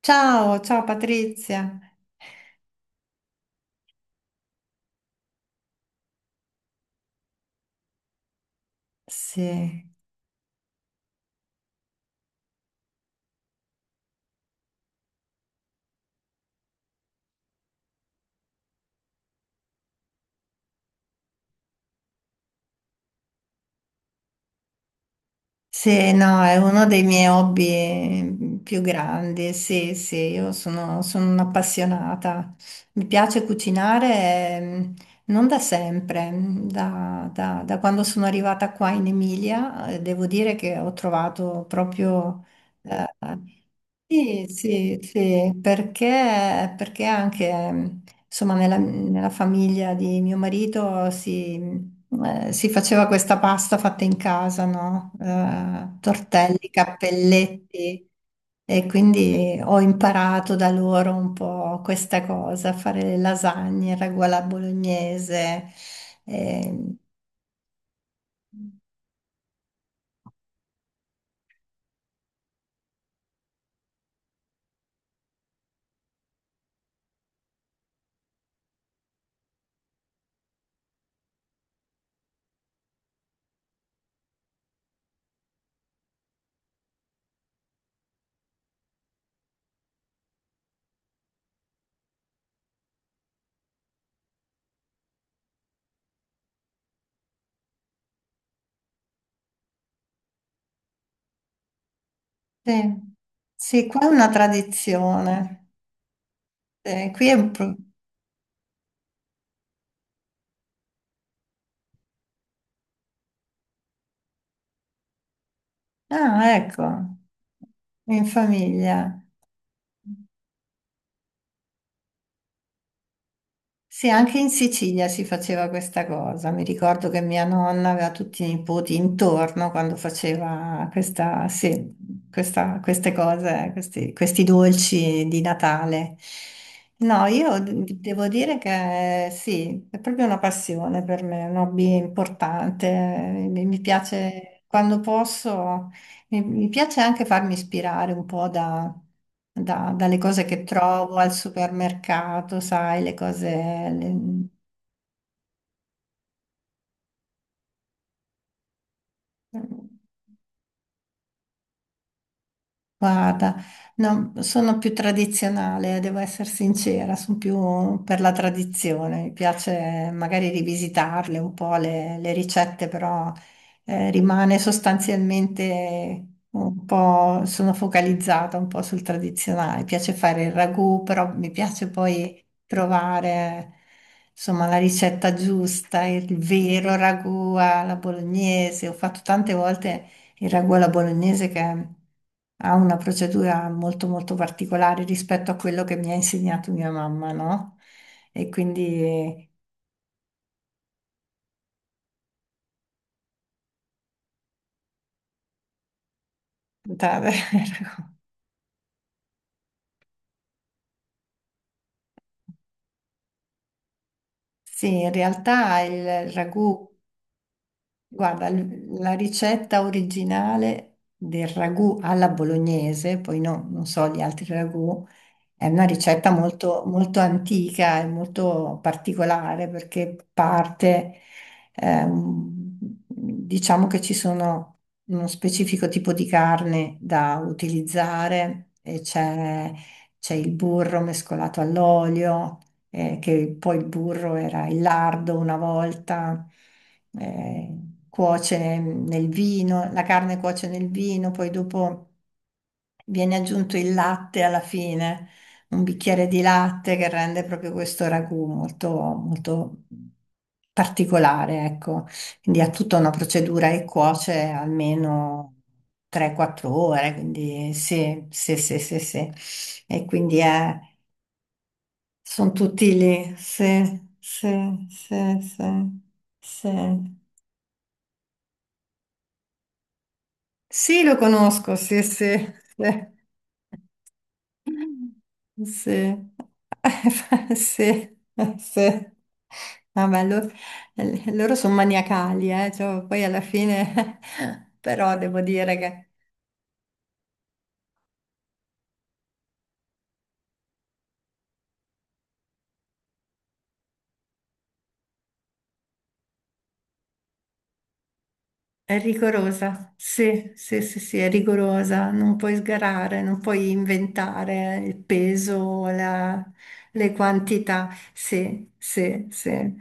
Ciao, ciao Patrizia. Sì, sì, no, è uno dei miei hobby più grandi. Sì, sì, io sono, sono un'appassionata. Mi piace cucinare, ehm, non da sempre, da quando sono arrivata qua in Emilia, devo dire che ho trovato proprio, eh, Sì, sì, sì, perché anche insomma, nella famiglia di mio marito si faceva questa pasta fatta in casa, no? Tortelli, cappelletti, e quindi ho imparato da loro un po' questa cosa, fare le lasagne, il ragù alla bolognese. Eh, sì. Sì, qua è una tradizione. Qui è un po'. Ah, ecco, in famiglia. Sì, anche in Sicilia si faceva questa cosa. Mi ricordo che mia nonna aveva tutti i nipoti intorno quando faceva questa, sì, queste cose, questi dolci di Natale. No, io devo dire che sì, è proprio una passione per me, un hobby importante. Mi piace quando posso. E mi piace anche farmi ispirare un po' dalle cose che trovo al supermercato, sai, le cose, le- Guarda, no, sono più tradizionale, devo essere sincera, sono più per la tradizione. Mi piace magari rivisitarle un po' le ricette, però rimane sostanzialmente un po', sono focalizzata un po' sul tradizionale. Mi piace fare il ragù, però mi piace poi trovare insomma la ricetta giusta, il vero ragù alla bolognese. Ho fatto tante volte il ragù alla bolognese che ha una procedura molto molto particolare rispetto a quello che mi ha insegnato mia mamma, no? E quindi da- sì, in realtà il ragù, guarda, la ricetta originale del ragù alla bolognese, poi no, non so gli altri ragù. È una ricetta molto, molto antica e molto particolare perché parte, ehm, diciamo che ci sono uno specifico tipo di carne da utilizzare e c'è il burro mescolato all'olio, che poi il burro era il lardo una volta, eh, cuoce nel vino, la carne cuoce nel vino, poi dopo viene aggiunto il latte alla fine, un bicchiere di latte che rende proprio questo ragù molto, molto particolare, ecco. Quindi ha tutta una procedura e cuoce almeno 3-4 ore, quindi sì, sì, sì, sì, sì. E quindi sono tutti lì, sì, sì, sì, sì, sì. Sì, lo conosco, sì, sì, sì. Sì, sì, sì. Ah, beh, loro sono maniacali, cioè, poi alla fine, però devo dire che è rigorosa, sì, sì, sì, sì, è rigorosa, non puoi sgarare, non puoi inventare il peso, le quantità, sì, sì, sì.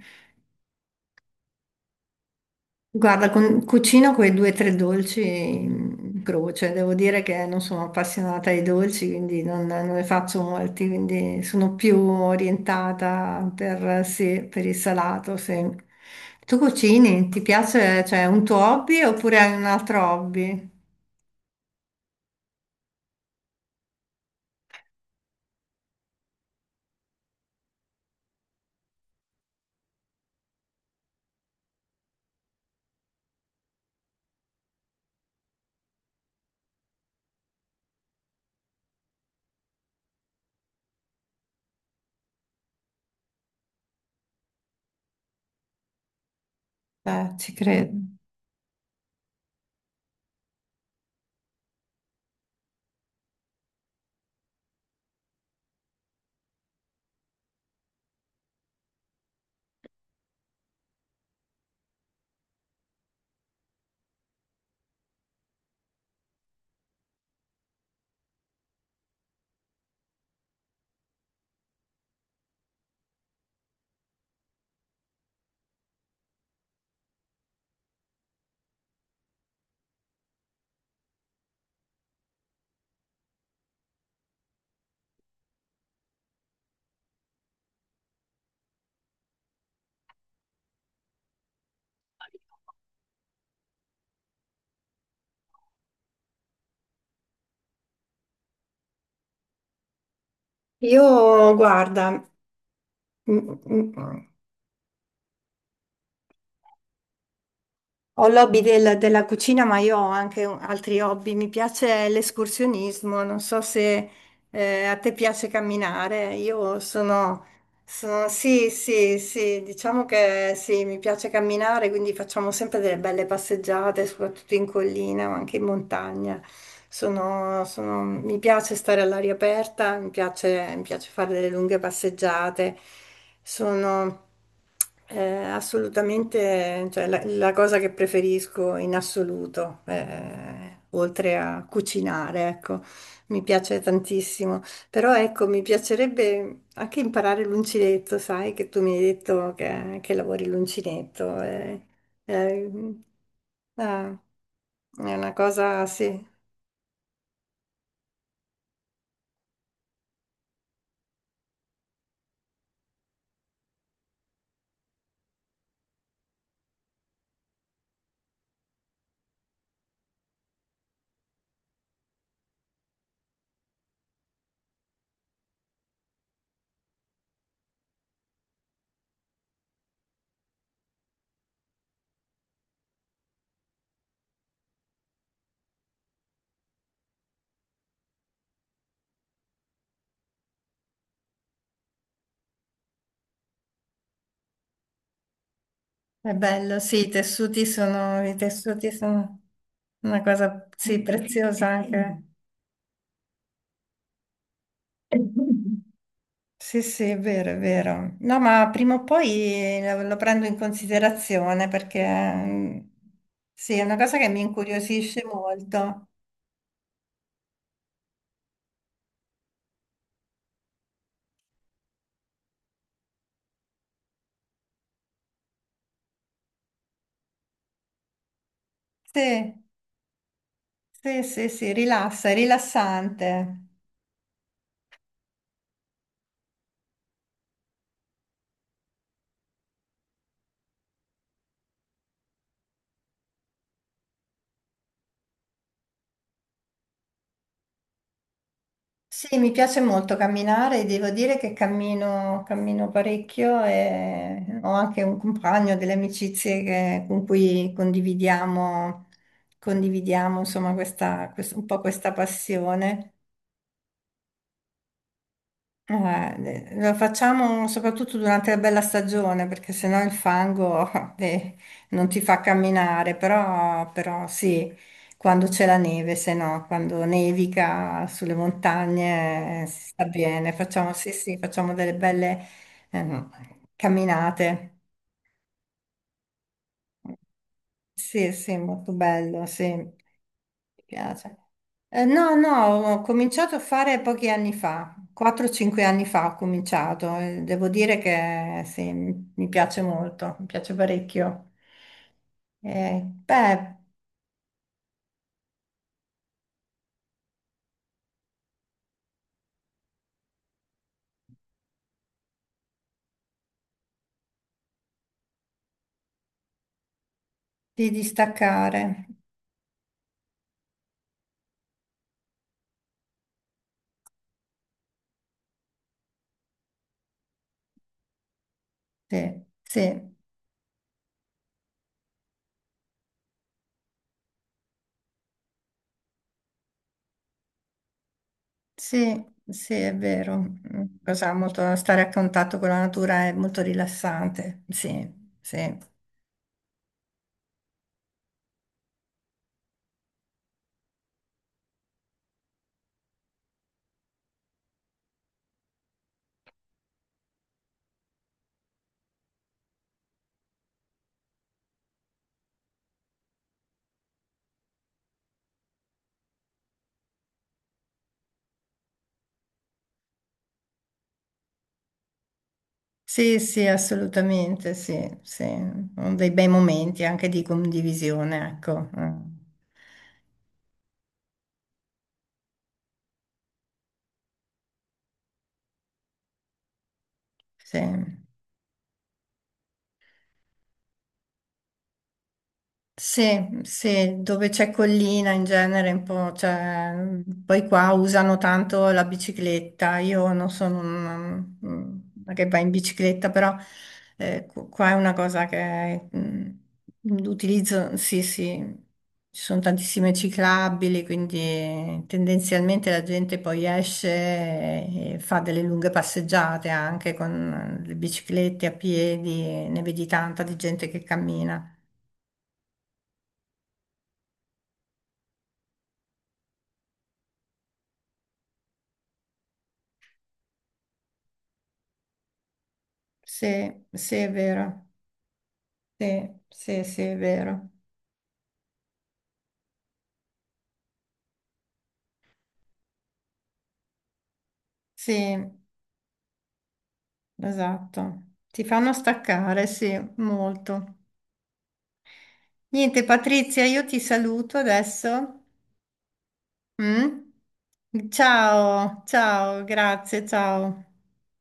Guarda, cucino quei due o tre dolci in croce. Devo dire che non sono appassionata ai dolci, quindi non ne faccio molti, quindi sono più orientata per, sì, per il salato, sì. Tu cucini? Ti piace, cioè, un tuo hobby oppure hai un altro hobby? Ci credo. Io, guarda, mm, mm, Ho l'hobby della cucina, ma io ho anche altri hobby. Mi piace l'escursionismo. Non so se a te piace camminare. Sì, sì, sì, diciamo che sì, mi piace camminare, quindi facciamo sempre delle belle passeggiate, soprattutto in collina, ma anche in montagna. Mi piace stare all'aria aperta, mi piace fare delle lunghe passeggiate. Sono eh, assolutamente, cioè, la cosa che preferisco in assoluto, oltre a cucinare, ecco, mi piace tantissimo. Però ecco, mi piacerebbe anche imparare l'uncinetto, sai, che tu mi hai detto che, lavori l'uncinetto. Eh, ah, è una cosa, sì. È bello, sì, i tessuti sono una cosa, sì, preziosa anche. Sì, sì, è vero, è vero. No, ma prima o poi lo prendo in considerazione perché sì, è una cosa che mi incuriosisce molto. Sì, sì, sì, sì, rilassa, è rilassante. Sì, mi piace molto camminare, devo dire che cammino, cammino parecchio e ho anche un compagno, delle amicizie con cui condividiamo insomma questa, un po' questa passione. Lo facciamo soprattutto durante la bella stagione perché sennò il fango eh, non ti fa camminare, però sì, quando c'è la neve, se no, quando nevica sulle montagne si sta bene, sì, sì, facciamo delle belle ehm, camminate. Sì, sì, molto bello, sì, mi piace. No, no, ho cominciato a fare pochi anni fa, 4-5 anni fa ho cominciato, e devo dire che sì, mi piace molto, mi piace parecchio. Beh, di distaccare, sì, sì, sì, sì, è vero. Stare a contatto con la natura è molto rilassante, sì, sì. Sì, sì, assolutamente, sì, sì. Sono dei bei momenti anche di condivisione, ecco. Mm. Sì. Sì, sì, dove c'è collina in genere, un po', cioè, poi qua usano tanto la bicicletta, io non sono una che va in bicicletta, però qua è una cosa che l'utilizzo, sì, sì, ci sono tantissime ciclabili, quindi tendenzialmente la gente poi esce e fa delle lunghe passeggiate anche con le biciclette a piedi, ne vedi tanta di gente che cammina. Sì, sì, è vero. Sì, sì, sì, è vero. Sì, esatto. Ti fanno staccare, sì, molto. Niente, Patrizia, io ti saluto adesso. Mm? Ciao, ciao, grazie, ciao.